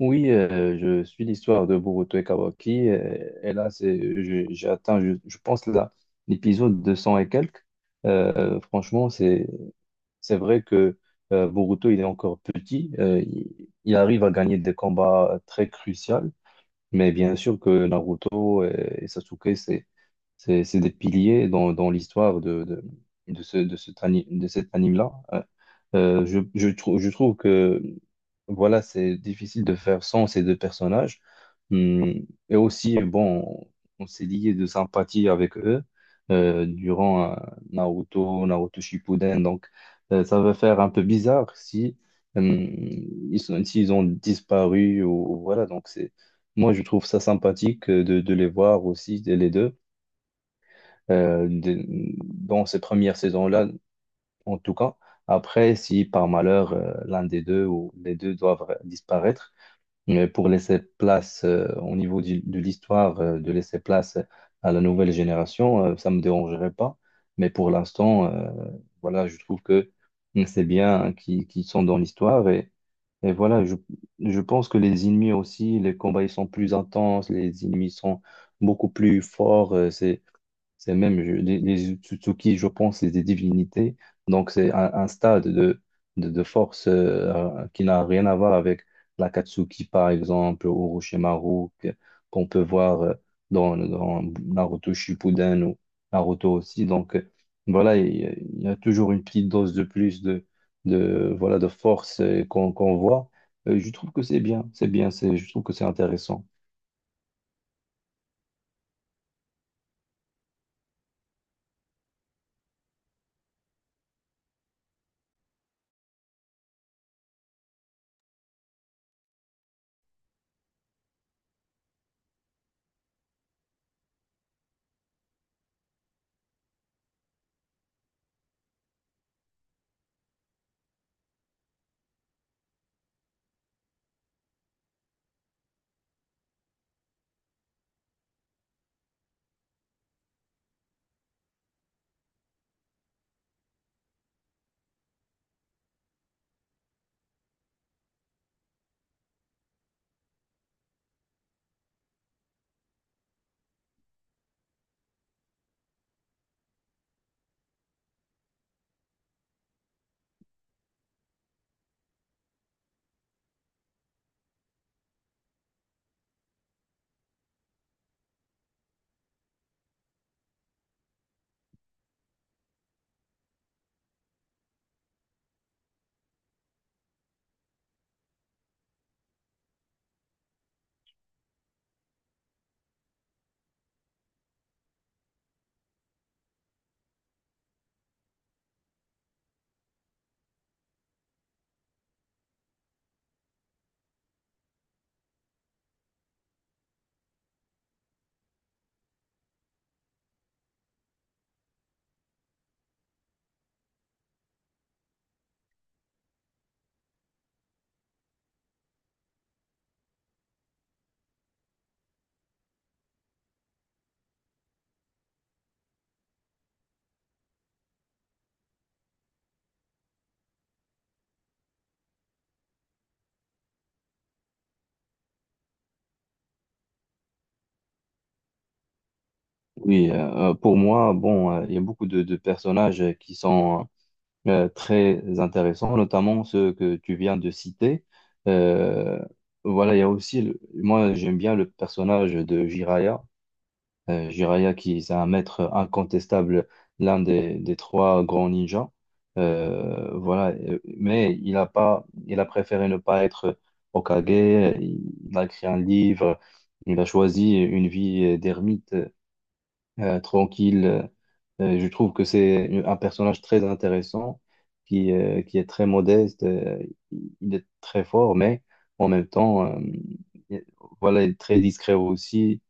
Oui, je suis l'histoire de Boruto et Kawaki. Et, là, j'ai atteint, je pense, là, l'épisode 200 et quelques. Franchement, c'est vrai que Boruto, il est encore petit. Il arrive à gagner des combats très cruciaux. Mais bien sûr que Naruto et Sasuke, c'est des piliers dans l'histoire de cet anime-là. Je trouve que voilà, c'est difficile de faire sans ces deux personnages. Hum. Et aussi, bon, on s'est lié de sympathie avec eux durant Naruto Shippuden. Donc, ça va faire un peu bizarre si, hum, s'ils ont disparu, ou voilà. Donc, c'est moi, je trouve ça sympathique de les voir aussi les deux, euh, de- dans ces premières saisons-là, en tout cas. Après, si par malheur, l'un des deux ou les deux doivent disparaître, mais pour laisser place, au niveau de l'histoire, de laisser place à la nouvelle génération, ça me dérangerait pas. Mais pour l'instant, voilà, je trouve que c'est bien qu'ils sont dans l'histoire. Et voilà, je pense que les ennemis aussi, les combats, ils sont plus intenses, les ennemis sont beaucoup plus forts. C'est même les Utsutsuki, je pense, c'est des divinités. Donc, c'est un stade de force qui n'a rien à voir avec l'Akatsuki, par exemple, ou Orochimaru, qu'on peut voir dans Naruto Shippuden ou Naruto aussi. Donc, voilà, il y a toujours une petite dose de plus voilà, de force, qu'on voit. Je trouve que c'est bien, je trouve que c'est intéressant. Oui, pour moi, bon, il y a beaucoup de personnages qui sont très intéressants, notamment ceux que tu viens de citer. Euh, voilà, il y a aussi, moi, j'aime bien le personnage de Jiraiya. Jiraiya qui est un maître incontestable, l'un des trois grands ninjas. Voilà, mais il a préféré ne pas être Hokage. Il a écrit un livre. Il a choisi une vie d'ermite tranquille. Je trouve que c'est un personnage très intéressant, qui est très modeste, il est très fort, mais en même temps, il- voilà, il est très discret aussi,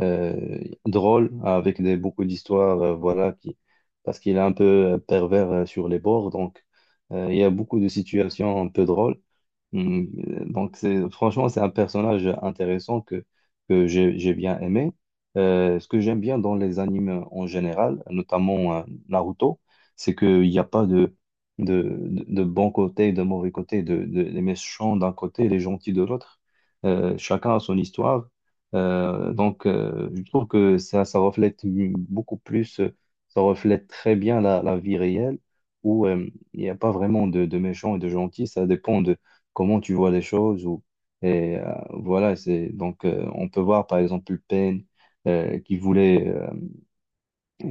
euh, drôle, avec beaucoup d'histoires, parce qu'il est un peu pervers sur les bords, donc il y a beaucoup de situations un peu drôles. Mm. Donc, franchement, c'est un personnage intéressant que j'ai bien aimé. Ce que j'aime bien dans les animes en général, notamment Naruto, c'est qu'il n'y a pas de bon côté, de mauvais côté, les méchants d'un côté, les gentils de l'autre. Chacun a son histoire. Je trouve que ça reflète beaucoup plus, ça reflète très bien la vie réelle où il n'y a pas vraiment de méchants et de gentils. Ça dépend de comment tu vois les choses ou et voilà. C'est donc, on peut voir par exemple Payne, qui voulait euh,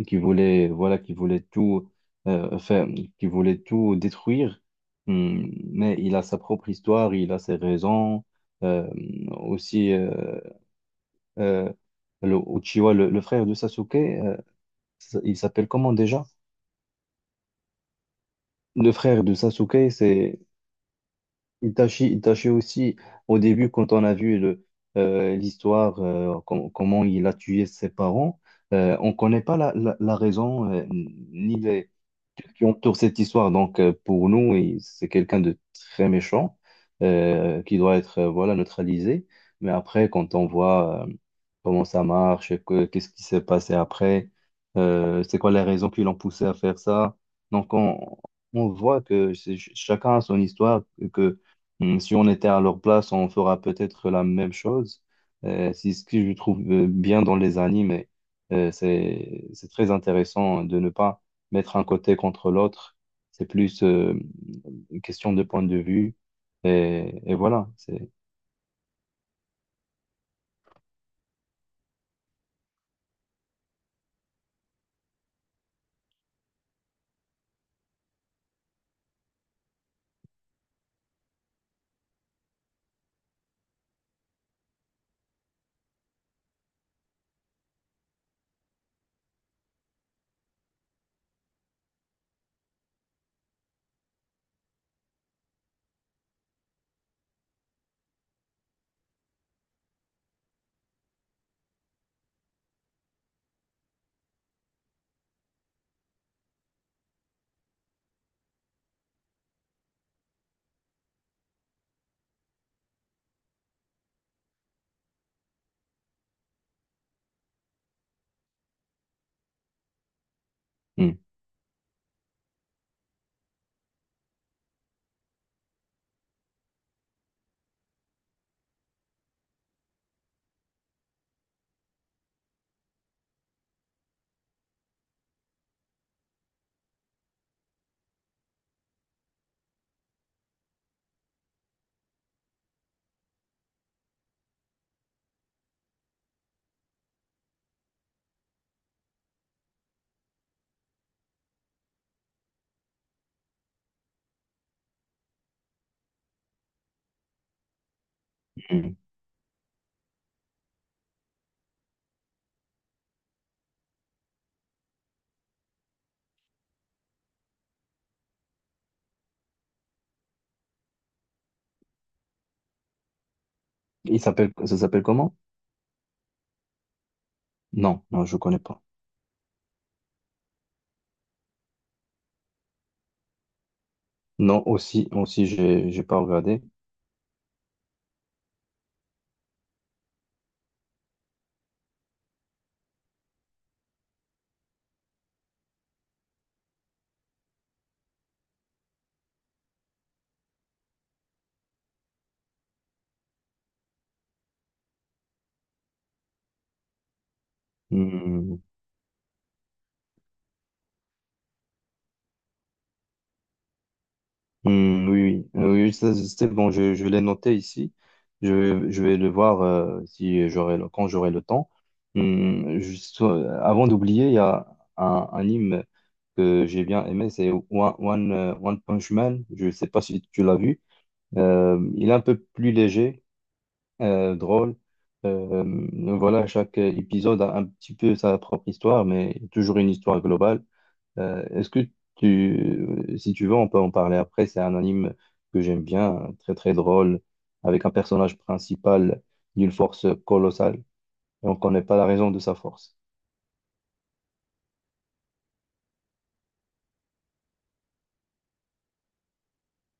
qui voulait voilà qui voulait tout faire, qui voulait tout détruire. Hmm, mais il a sa propre histoire, il a ses raisons. Euh, aussi euh, le Uchiwa, le frère de Sasuke, il s'appelle comment déjà? Le frère de Sasuke c'est... Il tâchait aussi, au début, quand on a vu l'histoire, comment il a tué ses parents, on ne connaît pas la raison, ni les qui entourent cette histoire. Donc, pour nous, c'est quelqu'un de très méchant, qui doit être, voilà, neutralisé. Mais après, quand on voit, comment ça marche, qu'est-ce qui s'est passé après, c'est quoi les raisons qui l'ont poussé à faire ça. Donc, on voit que chacun a son histoire. Hmm. Si on était à leur place, on fera peut-être la même chose. C'est ce que je trouve bien dans les animes. C'est très intéressant de ne pas mettre un côté contre l'autre. C'est plus une question de point de vue. Et voilà. Hmm, hmm. Il s'appelle, ça s'appelle comment? Non, non, je connais pas. Non, aussi, aussi, j'ai pas regardé. Hmm. Hmm, oui, oui. Oui, ça, c'est bon, je l'ai noté ici. Je vais le voir si j'aurai le- quand j'aurai le temps. Hmm, juste, avant d'oublier, il y a un anime que j'ai bien aimé, c'est One Punch Man. Je ne sais pas si tu l'as vu. Il est un peu plus léger, drôle. Euh, voilà, chaque épisode a un petit peu sa propre histoire, mais toujours une histoire globale. Est-ce que tu, si tu veux, on peut en parler après. C'est un anime que j'aime bien, très très drôle, avec un personnage principal d'une force colossale et on ne connaît pas la raison de sa force.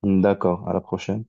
D'accord, à la prochaine.